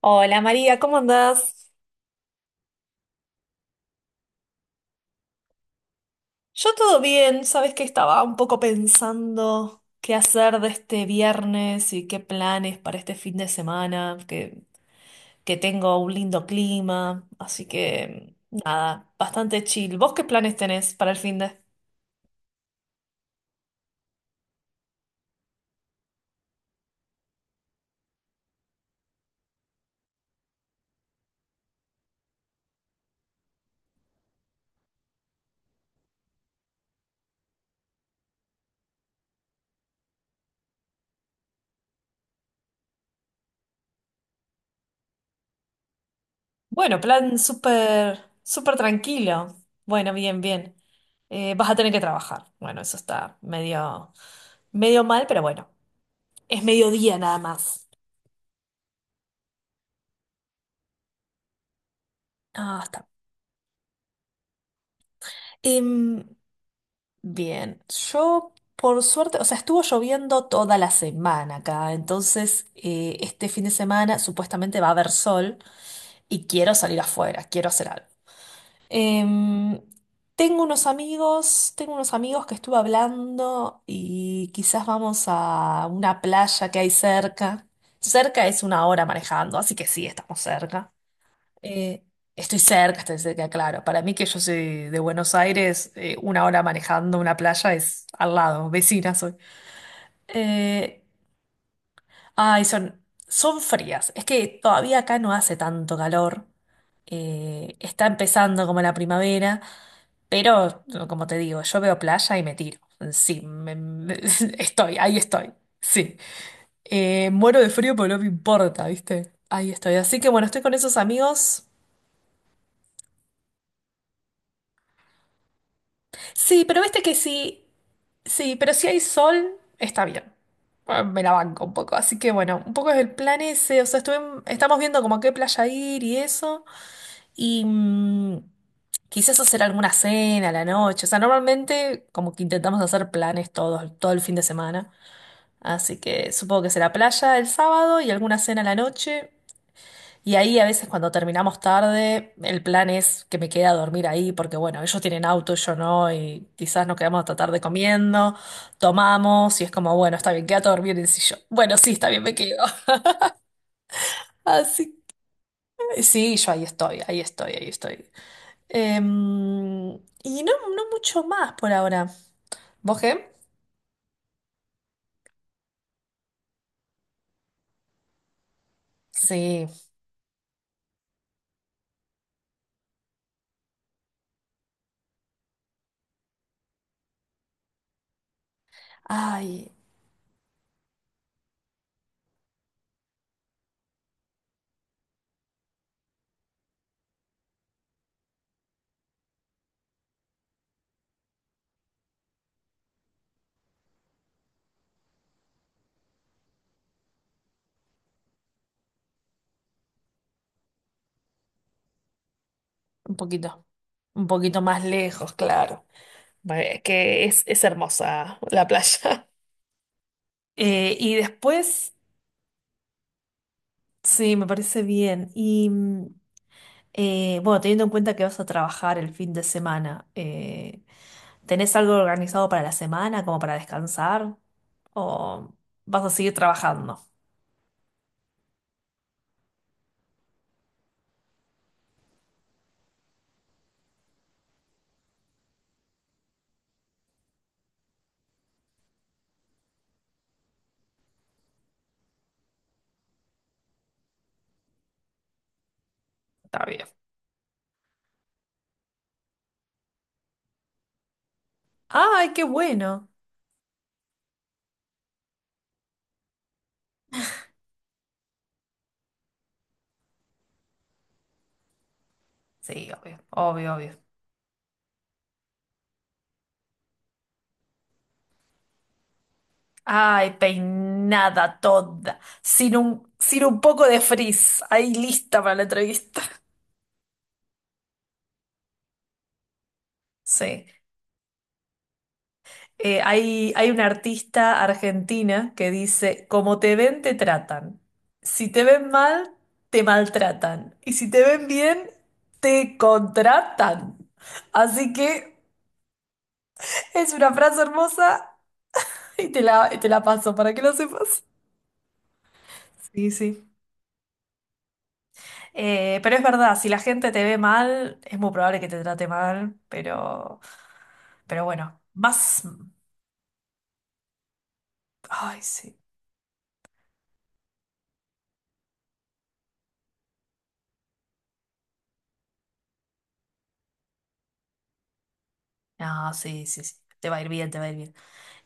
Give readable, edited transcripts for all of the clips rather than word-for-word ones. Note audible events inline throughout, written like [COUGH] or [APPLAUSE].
Hola María, ¿cómo andás? Yo todo bien, sabes que estaba un poco pensando qué hacer de este viernes y qué planes para este fin de semana, que tengo un lindo clima, así que nada, bastante chill. ¿Vos qué planes tenés para el fin de? Bueno, plan súper, súper tranquilo. Bueno, bien, bien. Vas a tener que trabajar. Bueno, eso está medio, medio mal, pero bueno, es mediodía nada más. Ah, está. Em, Bien, yo por suerte, o sea, estuvo lloviendo toda la semana acá, entonces este fin de semana supuestamente va a haber sol y quiero salir afuera, quiero hacer algo. Em, tengo unos amigos que estuve hablando y quizás vamos a una playa que hay cerca. Cerca es una hora manejando, así que sí, estamos cerca. Eh, estoy cerca, estoy cerca, claro. Para mí que yo soy de Buenos Aires, una hora manejando una playa es al lado, vecina soy. Eh, ay, son frías. Es que todavía acá no hace tanto calor. Está empezando como la primavera, pero como te digo, yo veo playa y me tiro. Sí, [LAUGHS] estoy, ahí estoy. Sí. Muero de frío, pero no me importa, ¿viste? Ahí estoy. Así que bueno, estoy con esos amigos. Sí, pero viste que sí, sí, pero si hay sol, está bien. Bueno, me la banco un poco, así que bueno, un poco es el plan ese, o sea, estamos viendo como a qué playa ir y eso, y quizás hacer alguna cena a la noche, o sea, normalmente como que intentamos hacer planes todos, todo el fin de semana, así que supongo que será playa el sábado y alguna cena a la noche, y ahí a veces cuando terminamos tarde, el plan es que me quede a dormir ahí, porque bueno, ellos tienen auto, yo no, y quizás nos quedamos hasta tarde comiendo, tomamos, y es como, bueno, está bien, quédate a dormir en el sillón. Bueno, sí, está bien, me quedo. [LAUGHS] Así que sí, yo ahí estoy, ahí estoy, ahí estoy. Em, y no, no mucho más por ahora. ¿Vos qué? Sí. Ay, un poquito, un poquito más lejos, claro. Bueno, es que es hermosa la playa. [LAUGHS] Y después. Sí, me parece bien. Y bueno, teniendo en cuenta que vas a trabajar el fin de semana, ¿tenés algo organizado para la semana, como para descansar? ¿O vas a seguir trabajando? Está bien. ¡Ay, qué bueno! Sí, obvio, obvio, obvio. ¡Ay, peinada toda! Sin un poco de frizz. Ahí lista para la entrevista. [LAUGHS] Sí. Hay una artista argentina que dice, como te ven, te tratan. Si te ven mal, te maltratan. Y si te ven bien, te contratan. Así que es una frase hermosa y te la paso para que lo sepas. Sí, sí. Pero es verdad, si la gente te ve mal, es muy probable que te trate mal, pero bueno, más... Ay, sí. No, sí, sí, sí. Te va a ir bien, te va a ir bien.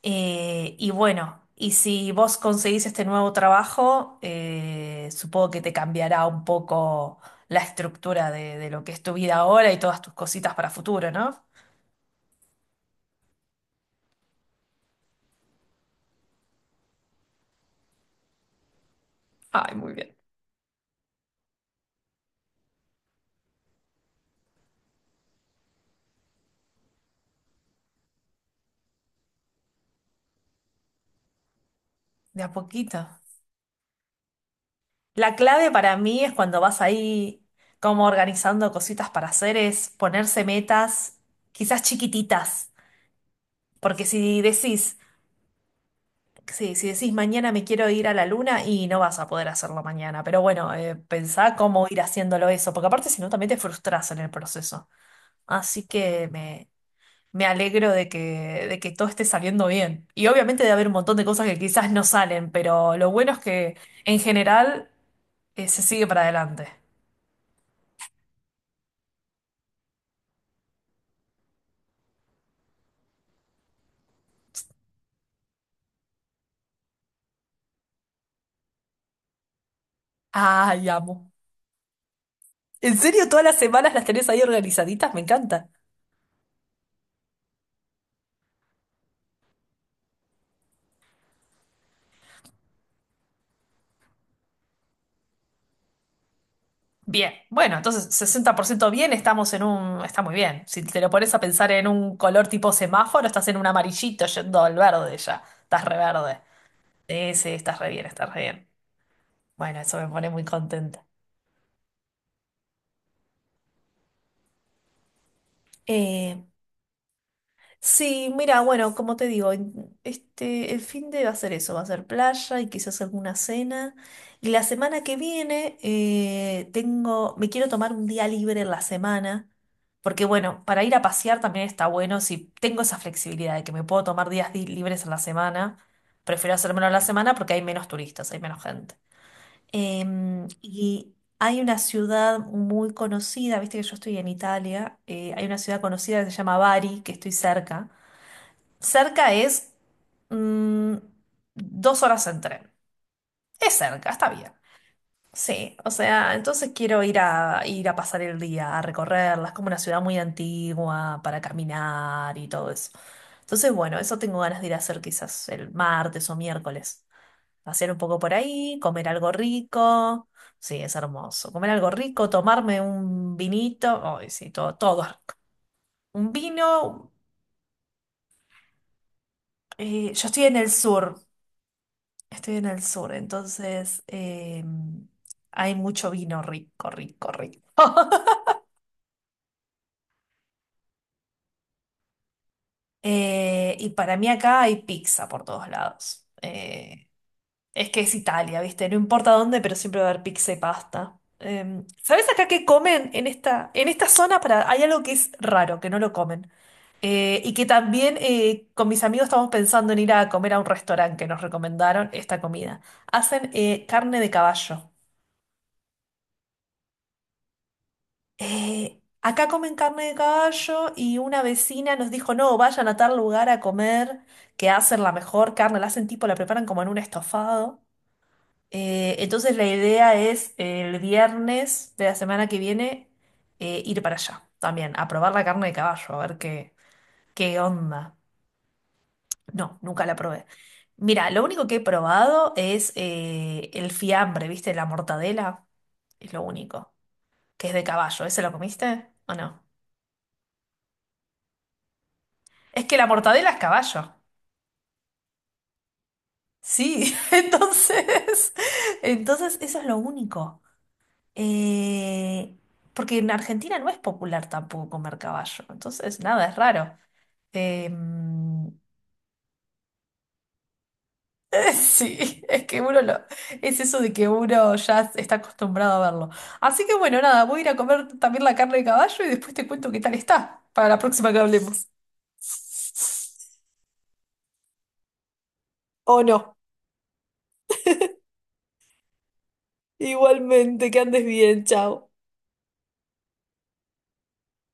Y bueno, y si vos conseguís este nuevo trabajo, supongo que te cambiará un poco la estructura de lo que es tu vida ahora y todas tus cositas para futuro, ¿no? Ay, muy bien. De a poquito. La clave para mí es cuando vas ahí como organizando cositas para hacer es ponerse metas quizás chiquititas, porque sí, si decís mañana me quiero ir a la luna y no vas a poder hacerlo mañana, pero bueno, pensá cómo ir haciéndolo eso, porque aparte si no también te frustras en el proceso. Así que me alegro de que todo esté saliendo bien. Y obviamente debe haber un montón de cosas que quizás no salen, pero lo bueno es que en general se sigue para adelante. Ay, amo. ¿En serio todas las semanas las tenés ahí organizaditas? Me encanta. Bien, bueno, entonces 60% bien, estamos en un, está muy bien. Si te lo pones a pensar en un color tipo semáforo, estás en un amarillito yendo al verde ya, estás re verde. Sí, sí, estás re bien, estás re bien. Bueno, eso me pone muy contenta. Eh, Sí, mira, bueno, como te digo, este, el fin de va a ser eso, va a ser playa y quizás alguna cena. Y la semana que viene me quiero tomar un día libre en la semana, porque bueno, para ir a pasear también está bueno, si tengo esa flexibilidad de que me puedo tomar días libres en la semana, prefiero hacérmelo en la semana porque hay menos turistas, hay menos gente. Y hay una ciudad muy conocida, viste que yo estoy en Italia, hay una ciudad conocida que se llama Bari, que estoy cerca. Cerca es mm, 2 horas en tren. Es cerca, está bien. Sí, o sea, entonces quiero ir a pasar el día, a recorrerla. Es como una ciudad muy antigua para caminar y todo eso. Entonces, bueno, eso tengo ganas de ir a hacer quizás el martes o miércoles. Pasear un poco por ahí, comer algo rico. Sí, es hermoso. Comer algo rico, tomarme un vinito. Ay, sí, todo, todo es rico. Un vino. Yo estoy en el sur. Estoy en el sur, entonces hay mucho vino rico, rico, rico. [LAUGHS] Y para mí acá hay pizza por todos lados. Es que es Italia, ¿viste? No importa dónde, pero siempre va a haber pizza y pasta. ¿Sabes acá qué comen en esta zona? Hay algo que es raro, que no lo comen. Y que también con mis amigos estamos pensando en ir a comer a un restaurante que nos recomendaron esta comida. Hacen carne de caballo. Acá comen carne de caballo y una vecina nos dijo, no, vayan a tal lugar a comer, que hacen la mejor carne, la hacen tipo, la preparan como en un estofado. Entonces la idea es el viernes de la semana que viene ir para allá también, a probar la carne de caballo, a ver qué onda. No, nunca la probé. Mira, lo único que he probado es el fiambre, ¿viste? La mortadela, es lo único, que es de caballo. ¿Ese lo comiste o no? Es que la mortadela es caballo. Sí, [LAUGHS] entonces eso es lo único. Eh, Porque en Argentina no es popular tampoco comer caballo. Entonces, nada, es raro. Em, [LAUGHS] sí, es que es eso de que uno ya está acostumbrado a verlo. Así que bueno, nada, voy a ir a comer también la carne de caballo y después te cuento qué tal está para la próxima que hablemos. [LAUGHS] O no. Igualmente, que andes bien, chao.